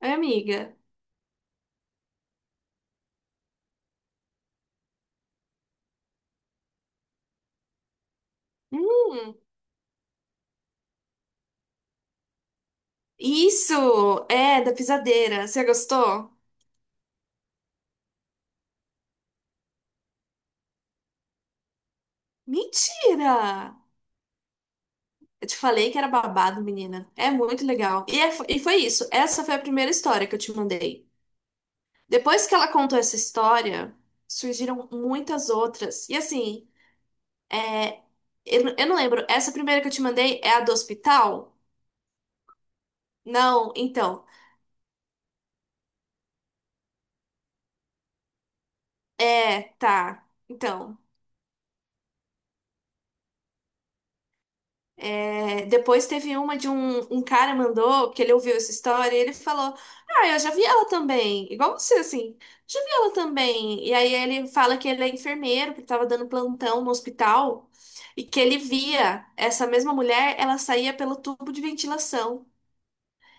Oi, amiga. Hum. Isso! É, da pisadeira. Você gostou? Mentira! Eu te falei que era babado, menina. É muito legal. E, e foi isso. Essa foi a primeira história que eu te mandei. Depois que ela contou essa história, surgiram muitas outras. E assim, é, eu não lembro. Essa primeira que eu te mandei é a do hospital? Não, então. É, tá. Então. É, depois teve uma de um cara mandou, que ele ouviu essa história, e ele falou: "Ah, eu já vi ela também, igual você, assim, já vi ela também". E aí ele fala que ele é enfermeiro, que estava dando plantão no hospital, e que ele via essa mesma mulher, ela saía pelo tubo de ventilação.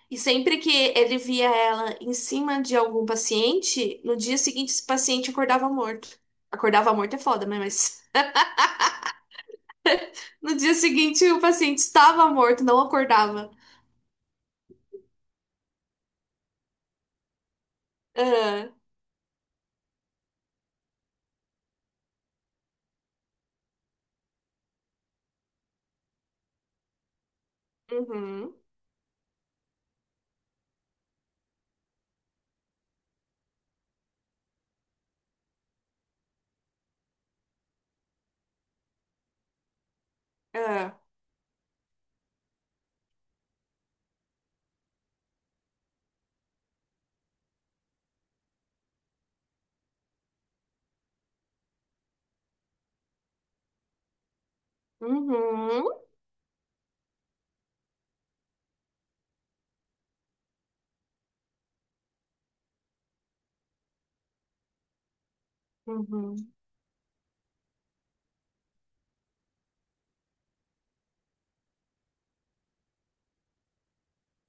E sempre que ele via ela em cima de algum paciente, no dia seguinte esse paciente acordava morto. Acordava morto é foda, né? Mas no dia seguinte o paciente estava morto, não acordava. Aham. Uhum. É. Uhum. Uhum.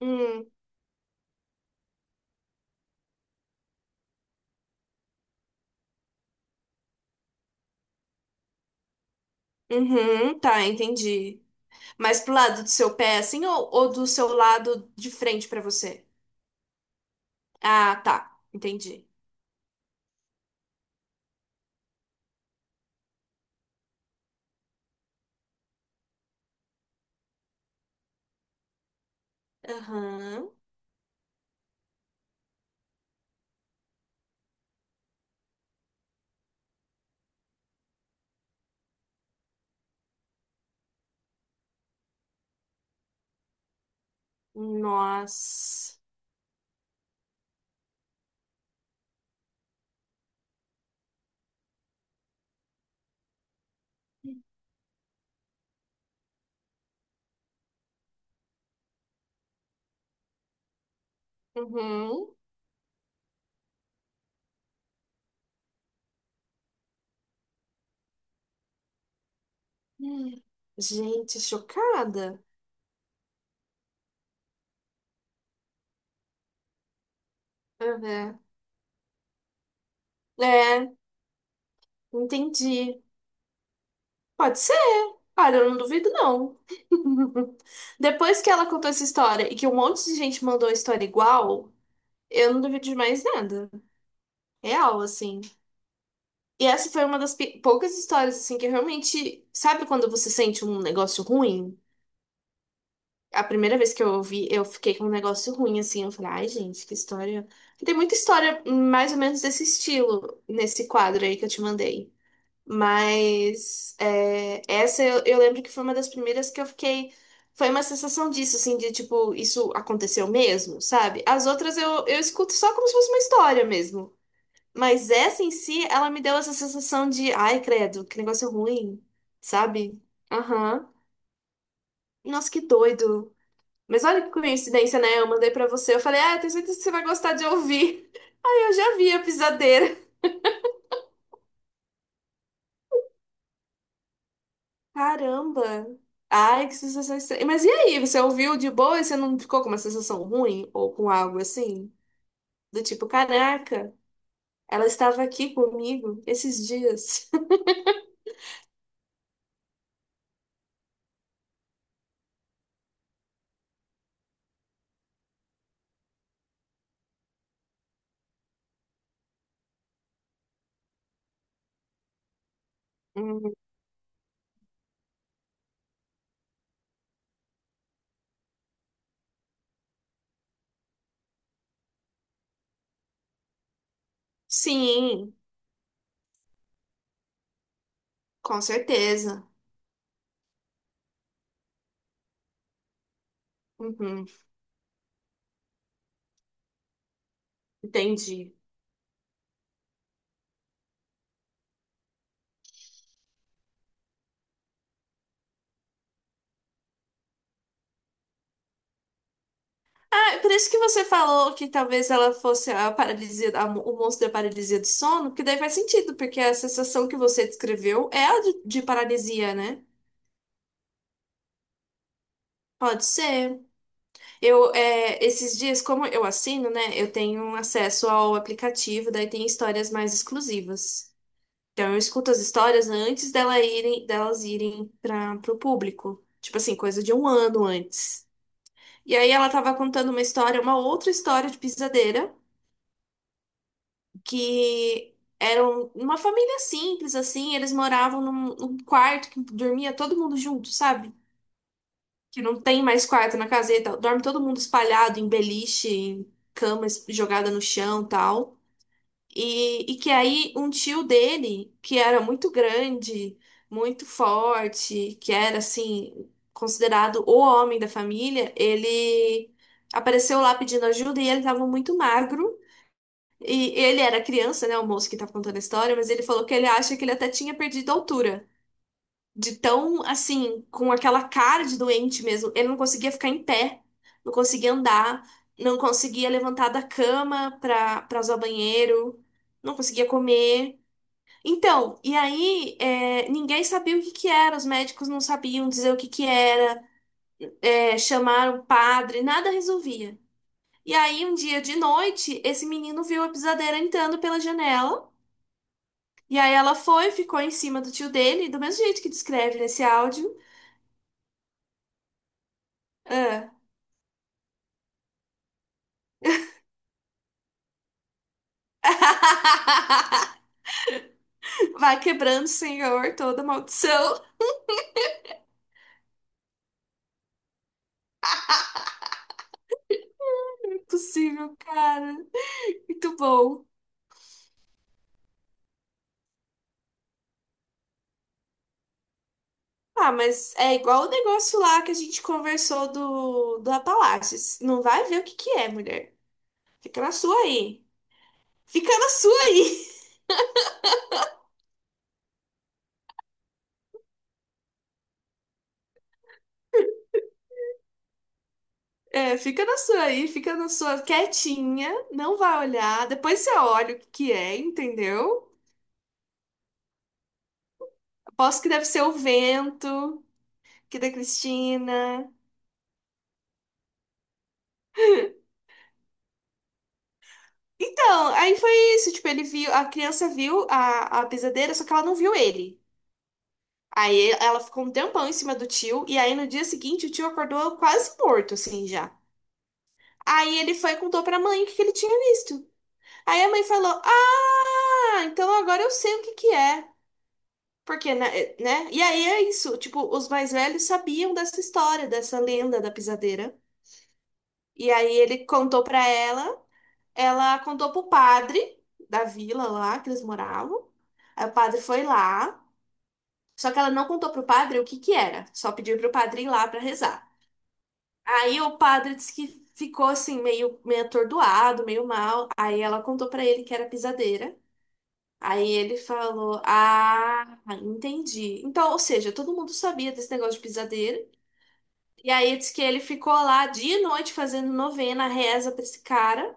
Hum. Uhum. Tá, entendi. Mas pro lado do seu pé, assim, ou do seu lado de frente pra você? Ah, tá. Entendi. Aham. Nossa. Uhum. Hum. Gente, chocada. Uhum. É, entendi. Pode ser. Olha, eu não duvido, não. Depois que ela contou essa história e que um monte de gente mandou a história igual, eu não duvido de mais nada. Real, assim. E essa foi uma das poucas histórias, assim, que eu realmente. Sabe quando você sente um negócio ruim? A primeira vez que eu ouvi, eu fiquei com um negócio ruim, assim. Eu falei, ai, gente, que história. Tem muita história mais ou menos desse estilo, nesse quadro aí que eu te mandei. Mas é, essa eu lembro que foi uma das primeiras que eu fiquei. Foi uma sensação disso, assim, de tipo, isso aconteceu mesmo, sabe? As outras eu escuto só como se fosse uma história mesmo. Mas essa em si, ela me deu essa sensação de, ai, credo, que negócio ruim, sabe? Aham. Nossa, que doido. Mas olha que coincidência, né? Eu mandei pra você, eu falei, ah, eu tenho certeza que você vai gostar de ouvir. Aí eu já vi a pisadeira. Caramba. Ai, que sensação estranha. Mas e aí, você ouviu de boa e você não ficou com uma sensação ruim ou com algo assim? Do tipo, caraca, ela estava aqui comigo esses dias. Hum. Sim, com certeza. Uhum, entendi. Ah, por isso que você falou que talvez ela fosse a paralisia, a o monstro da paralisia do sono, que daí faz sentido, porque a sensação que você descreveu é a de paralisia, né? Pode ser. Eu, esses dias, como eu assino, né, eu tenho acesso ao aplicativo, daí tem histórias mais exclusivas. Então eu escuto as histórias antes dela irem, delas irem para o público. Tipo assim, coisa de um ano antes. E aí ela tava contando uma história, uma outra história de pisadeira. Que eram uma família simples, assim, eles moravam num quarto que dormia todo mundo junto, sabe? Que não tem mais quarto na caseta, dorme todo mundo espalhado em beliche, em cama jogada no chão, e tal. E que aí um tio dele, que era muito grande, muito forte, que era assim, considerado o homem da família, ele apareceu lá pedindo ajuda e ele estava muito magro. E ele era criança, né, o moço que tá contando a história, mas ele falou que ele acha que ele até tinha perdido a altura. De tão, assim, com aquela cara de doente mesmo. Ele não conseguia ficar em pé, não conseguia andar, não conseguia levantar da cama pra usar o banheiro, não conseguia comer. Então, e aí, ninguém sabia o que que era, os médicos não sabiam dizer o que que era, chamaram o padre, nada resolvia. E aí, um dia de noite, esse menino viu a pisadeira entrando pela janela. E aí ela foi, ficou em cima do tio dele, do mesmo jeito que descreve nesse áudio. Ah. Vai quebrando, Senhor, toda maldição. Impossível, cara. Muito bom. Ah, mas é igual o negócio lá que a gente conversou do Apalaches. Não vai ver o que que é, mulher. Fica na sua aí. Fica na sua aí. É, fica na sua aí, fica na sua quietinha, não vai olhar. Depois você olha o que que é, entendeu? Aposto que deve ser o vento. Que da Cristina. Então, aí foi isso, tipo, ele viu, a criança viu a pisadeira, só que ela não viu ele. Aí ela ficou um tempão em cima do tio, e aí no dia seguinte o tio acordou quase morto, assim, já. Aí ele foi e contou pra mãe o que que ele tinha visto. Aí a mãe falou, ah, então agora eu sei o que que é. Porque, né? É, né? E aí é isso, tipo, os mais velhos sabiam dessa história, dessa lenda da pisadeira. E aí ele contou pra ela, ela contou pro padre da vila lá que eles moravam. Aí o padre foi lá, só que ela não contou pro padre o que que era, só pediu pro padre ir lá pra rezar. Aí o padre disse que ficou assim meio atordoado, meio mal. Aí ela contou pra ele que era pisadeira. Aí ele falou: "Ah, entendi". Então, ou seja, todo mundo sabia desse negócio de pisadeira. E aí diz que ele ficou lá dia e noite fazendo novena, reza pra esse cara.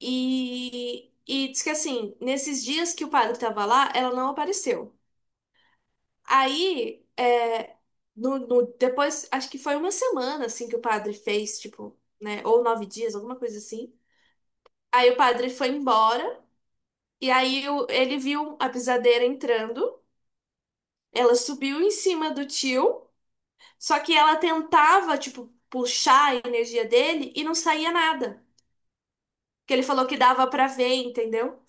E diz que assim, nesses dias que o padre estava lá, ela não apareceu. Aí, depois, acho que foi uma semana assim que o padre fez, tipo, né? Ou 9 dias, alguma coisa assim. Aí o padre foi embora, e aí ele viu a pisadeira entrando. Ela subiu em cima do tio, só que ela tentava, tipo, puxar a energia dele e não saía nada. Que ele falou que dava pra ver, entendeu?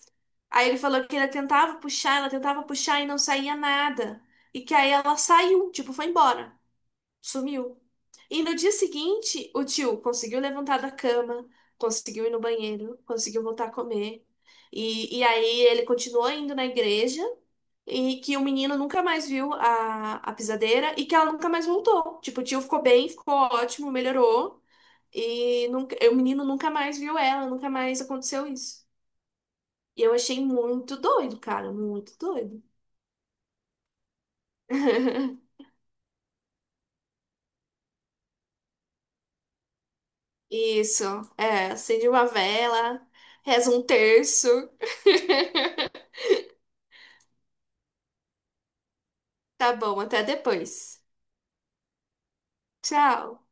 Aí ele falou que ela tentava puxar e não saía nada. E que aí ela saiu, tipo, foi embora, sumiu. E no dia seguinte, o tio conseguiu levantar da cama, conseguiu ir no banheiro, conseguiu voltar a comer. E aí ele continuou indo na igreja e que o menino nunca mais viu a pisadeira e que ela nunca mais voltou. Tipo, o tio ficou bem, ficou ótimo, melhorou. E nunca, o menino nunca mais viu ela, nunca mais aconteceu isso. E eu achei muito doido, cara, muito doido. Isso, é, acende uma vela, reza um terço. Tá bom, até depois. Tchau.